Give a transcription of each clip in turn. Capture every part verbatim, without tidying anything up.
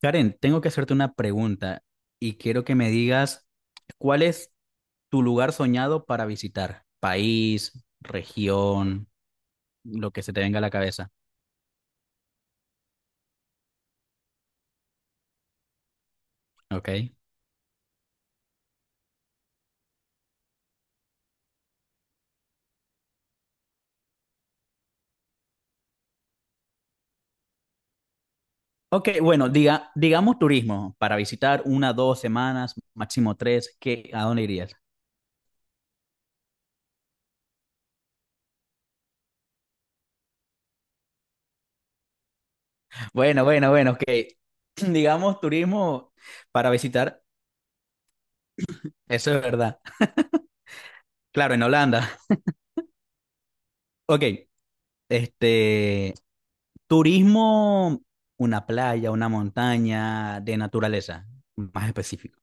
Karen, tengo que hacerte una pregunta y quiero que me digas cuál es tu lugar soñado para visitar, país, región, lo que se te venga a la cabeza, ¿ok? Ok, bueno, diga, digamos turismo, para visitar una, dos semanas, máximo tres, ¿qué, a dónde irías? Bueno, bueno, bueno, ok. Digamos turismo para visitar, eso es verdad. Claro, en Holanda. Ok, este, turismo, una playa, una montaña de naturaleza, más específico.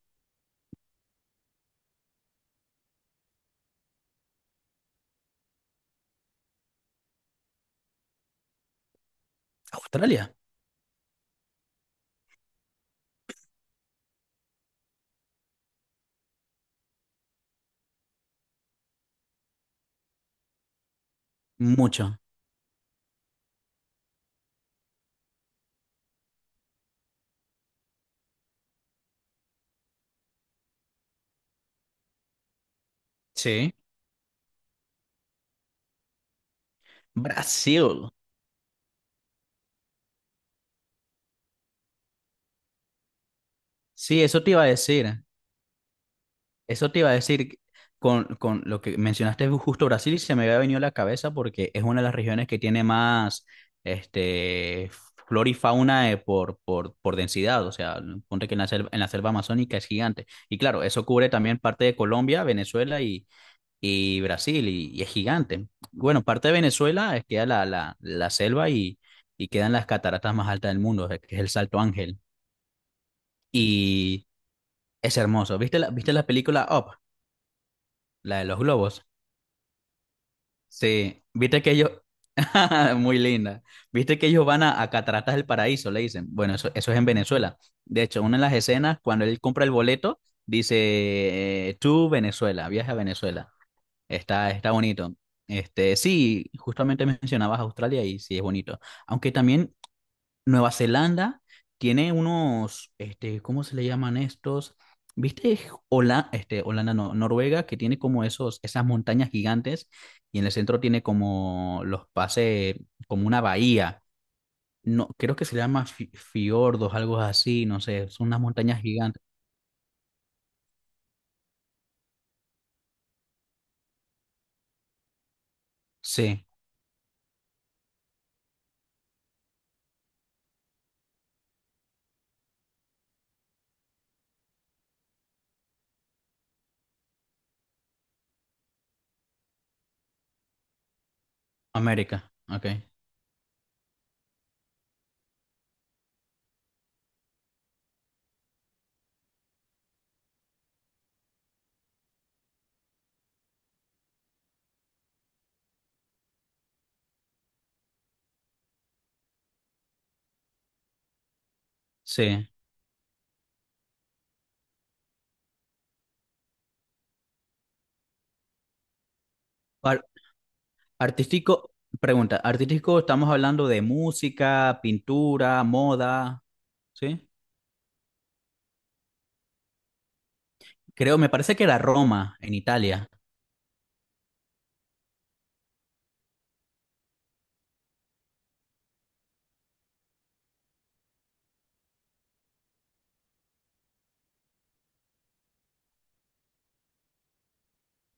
Australia, mucho. Sí. Brasil. Sí, eso te iba a decir. Eso te iba a decir con, con lo que mencionaste justo Brasil, se me había venido a la cabeza porque es una de las regiones que tiene más este, flora y fauna eh, por, por, por densidad. O sea, ponte que en la selva, en la selva amazónica es gigante. Y claro, eso cubre también parte de Colombia, Venezuela y, y Brasil, y, y es gigante. Bueno, parte de Venezuela es que la, la, la selva y, y quedan las cataratas más altas del mundo, que es el Salto Ángel. Y es hermoso. ¿Viste la, viste la película Up, la de los globos? Sí, viste que ellos… Muy linda. ¿Viste que ellos van a, a Cataratas del Paraíso? Le dicen. Bueno, eso, eso es en Venezuela. De hecho, una de las escenas, cuando él compra el boleto, dice, eh, tú Venezuela, viaja a Venezuela. Está, está bonito. Este, sí, justamente mencionabas Australia y sí es bonito. Aunque también Nueva Zelanda tiene unos, este, ¿cómo se le llaman estos? ¿Viste? Hola, este, Holanda, no, Noruega, que tiene como esos, esas montañas gigantes y en el centro tiene como los pases, como una bahía. No, creo que se llama fi- fiordos, algo así, no sé, son unas montañas gigantes. Sí, América, ok. Sí. Par- artístico, pregunta, artístico estamos hablando de música, pintura, moda, ¿sí? Creo, me parece que era Roma, en Italia.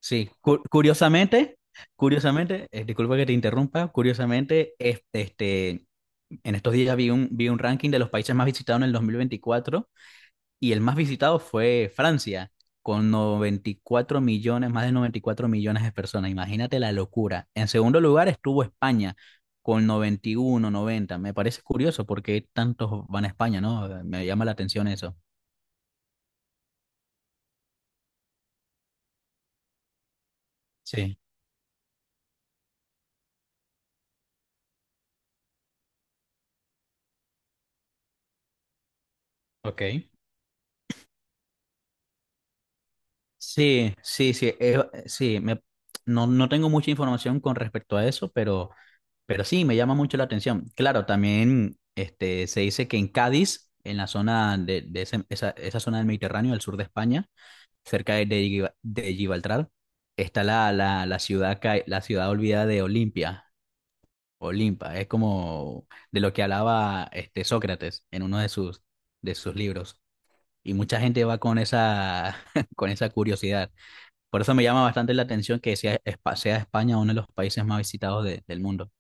Sí, Cu- curiosamente, curiosamente, eh, disculpa que te interrumpa, curiosamente, este, este, en estos días vi un, vi un ranking de los países más visitados en el dos mil veinticuatro. Y el más visitado fue Francia, con noventa y cuatro millones, más de noventa y cuatro millones de personas. Imagínate la locura. En segundo lugar estuvo España, con noventa y uno noventa. Me parece curioso porque tantos van a España, ¿no? Me llama la atención eso. Sí, ok. Sí, sí, sí, eh, sí, me, no, no tengo mucha información con respecto a eso, pero, pero sí, me llama mucho la atención. Claro, también este, se dice que en Cádiz, en la zona de, de ese- esa, esa zona del Mediterráneo, al sur de España, cerca de, de, Giba- de Gibraltar, está la, la, la ciudad, ca- la ciudad olvidada de Olimpia. Olimpa, es como de lo que hablaba este Sócrates en uno de sus, de sus libros. Y mucha gente va con esa, con esa curiosidad. Por eso me llama bastante la atención que sea, Espa- sea España uno de los países más visitados de- del mundo.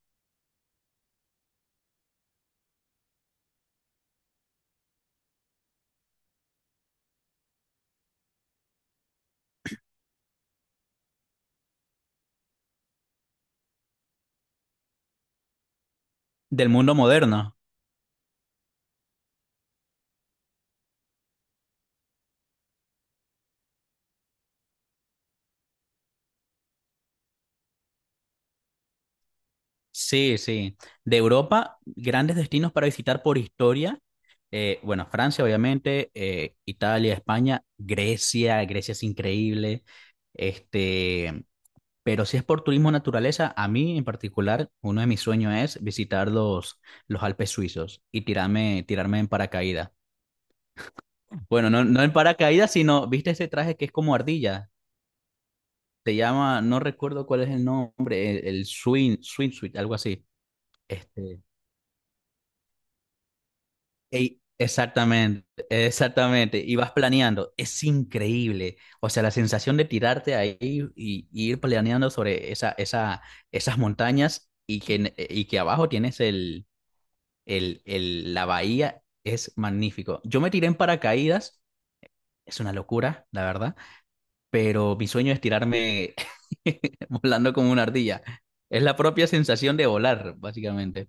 Del mundo moderno. Sí, sí. De Europa, grandes destinos para visitar por historia. Eh, bueno, Francia, obviamente, eh, Italia, España, Grecia, Grecia es increíble. Este, pero si es por turismo naturaleza, a mí en particular, uno de mis sueños es visitar los, los Alpes suizos y tirarme, tirarme en paracaídas. Bueno, no, no en paracaídas, sino, ¿viste ese traje que es como ardilla? Te llama, no recuerdo cuál es el nombre, el, el swing, swimsuit, algo así. Este, Ey, exactamente, exactamente. Y vas planeando. Es increíble. O sea, la sensación de tirarte ahí y, y ir planeando sobre esa, esa, esas montañas y que, en- y que abajo tienes el, el, el- la bahía es magnífico. Yo me tiré en paracaídas. Es una locura, la verdad. Pero mi sueño es tirarme volando como una ardilla. Es la propia sensación de volar, básicamente.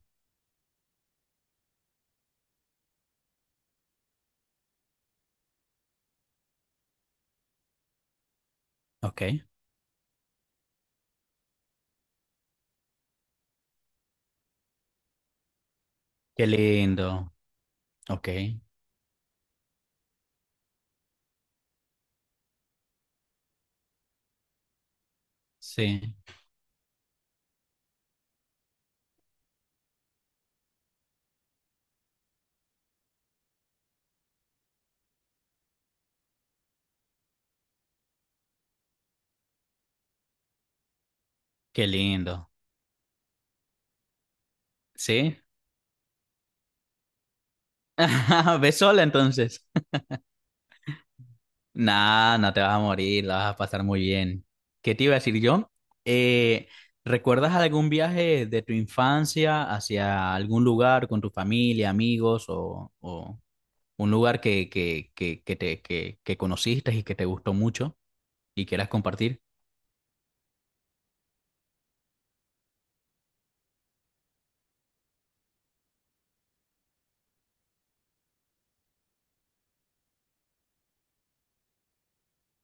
Ok. Qué lindo. Ok. Sí. Qué lindo. ¿Sí? Ve sola entonces. Nah, no te vas a morir, la vas a pasar muy bien. ¿Qué te iba a decir yo? Eh, ¿recuerdas algún viaje de tu infancia hacia algún lugar con tu familia, amigos o, o un lugar que, que, que, que te, que, que conociste y que te gustó mucho y quieras compartir?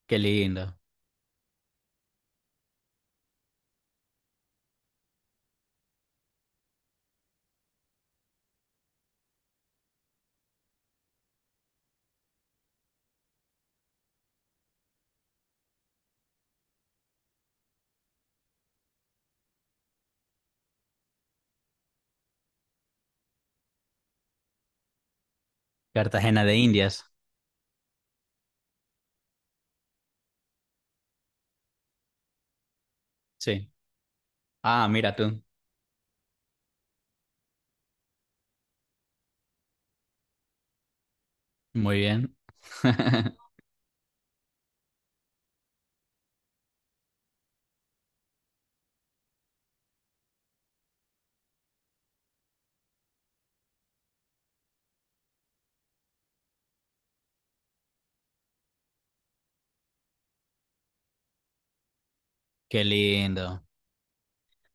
Qué lindo. Cartagena de Indias. Sí. Ah, mira tú. Muy bien. Qué lindo.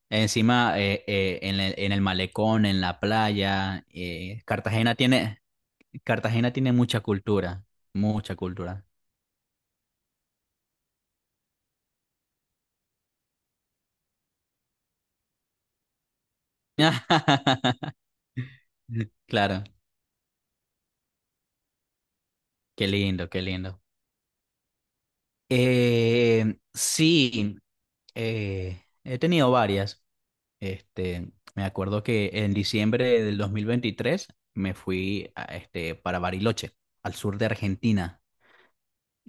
Encima, eh, eh, en el, en el malecón, en la playa, eh, Cartagena tiene, Cartagena tiene mucha cultura, mucha cultura. Claro, qué lindo, qué lindo. Eh, sí, eh, he tenido varias. Este, me acuerdo que en diciembre del dos mil veintitrés me fui a- este, para Bariloche, al sur de Argentina.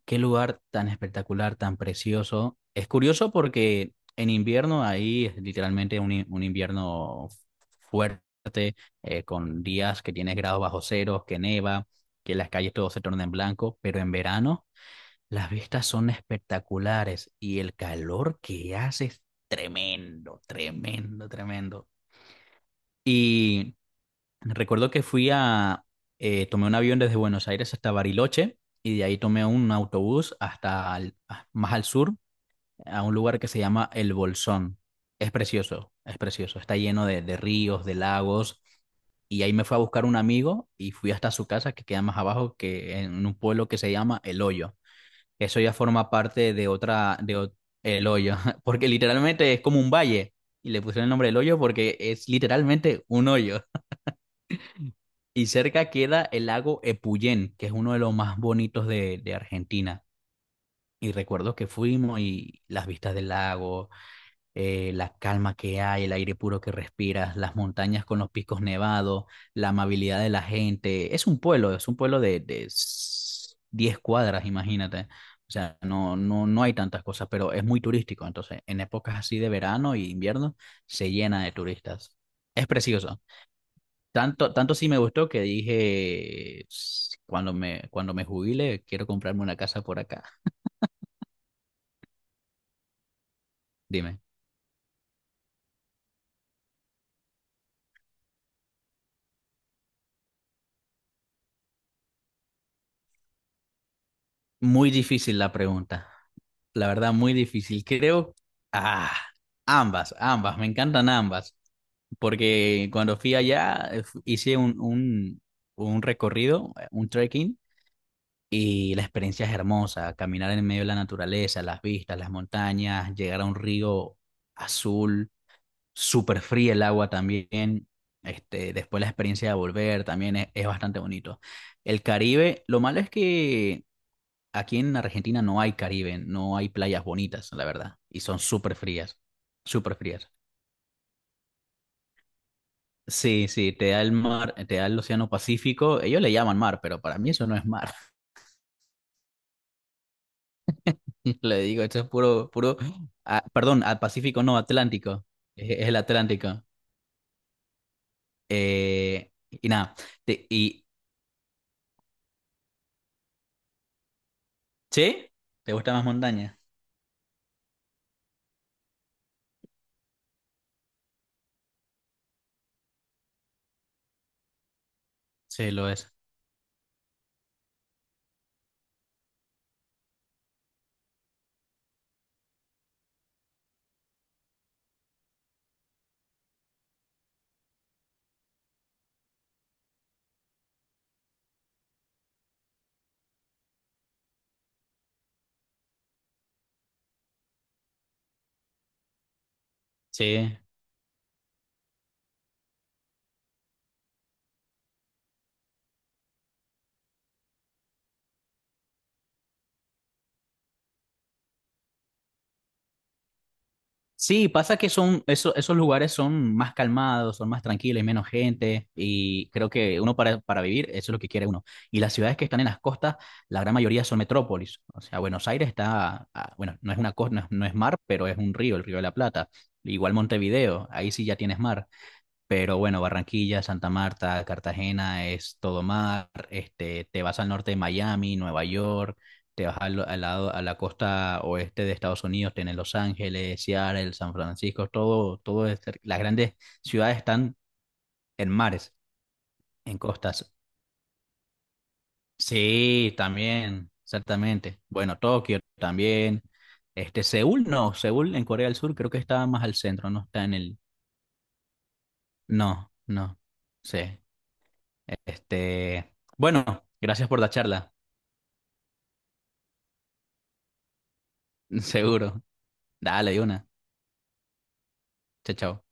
Qué lugar tan espectacular, tan precioso. Es curioso porque en invierno ahí es literalmente un, i- un invierno fuerte, eh, con días que tienes grados bajo cero, que neva, que las calles todo se torna en blanco, pero en verano las vistas son espectaculares y el calor que hace es tremendo, tremendo, tremendo. Y recuerdo que fui a, eh, tomé un avión desde Buenos Aires hasta Bariloche y de ahí tomé un autobús hasta al- a- más al sur, a un lugar que se llama El Bolsón. Es precioso, es precioso. Está lleno de, de ríos, de lagos y ahí me fue a buscar un amigo y fui hasta su casa que queda más abajo que en un pueblo que se llama El Hoyo. Eso ya forma parte de otra, de ot- El Hoyo, porque literalmente es como un valle y le pusieron el nombre El Hoyo porque es literalmente un hoyo. Y cerca queda el lago Epuyén, que es uno de los más bonitos de, de Argentina. Y recuerdo que fuimos y las vistas del lago, eh, la calma que hay, el aire puro que respiras, las montañas con los picos nevados, la amabilidad de la gente. Es un pueblo, es un pueblo de, de s- diez cuadras, imagínate. O sea, no, no, no hay tantas cosas, pero es muy turístico. Entonces, en épocas así de verano y invierno, se llena de turistas. Es precioso. Tanto, tanto sí me gustó que dije, "S- cuando me, cuando me jubile, quiero comprarme una casa por acá". Dime. Muy difícil la pregunta. La verdad, muy difícil. Creo, ah, ambas, ambas, me encantan ambas. Porque cuando fui allá, eh, fu- hice un, un, un recorrido, eh, un trekking, y la experiencia es hermosa. Caminar en medio de la naturaleza, las vistas, las montañas, llegar a un río azul, súper fría el agua también. Este, después la experiencia de volver también es, es bastante bonito. El Caribe, lo malo es que aquí en Argentina no hay Caribe, no hay playas bonitas, la verdad, y son súper frías, súper frías. Sí, sí, te da el mar, te da el océano Pacífico, ellos le llaman mar, pero para mí eso no es mar. Le digo, esto es puro, puro, ah, perdón, al Pacífico no, Atlántico, es, es el Atlántico. Eh, y nada, te- y, ¿sí? ¿Te gusta más montaña? Sí, lo es. Sí. Sí, pasa que son, eso- esos lugares son más calmados, son más tranquilos, hay menos gente y creo que uno para, para vivir, eso es lo que quiere uno. Y las ciudades que están en las costas, la gran mayoría son metrópolis. O sea, Buenos Aires está, ah, bueno, no es una costa, no es, no es mar, pero es un río, el Río de la Plata. Igual Montevideo, ahí sí ya tienes mar. Pero bueno, Barranquilla, Santa Marta, Cartagena es todo mar. Este, te vas al norte de Miami, Nueva York, te vas al, al lado, a la costa oeste de Estados Unidos, tienes Los Ángeles, Seattle, San Francisco, todo, todo es cer- las grandes ciudades están en mares, en costas. Sí, también, exactamente. Bueno, Tokio también. Este, Seúl no, Seúl en Corea del Sur creo que está más al centro, no está en el. No, no. Sí. Este, bueno, gracias por la charla, seguro. Dale, de una. Chao, chao.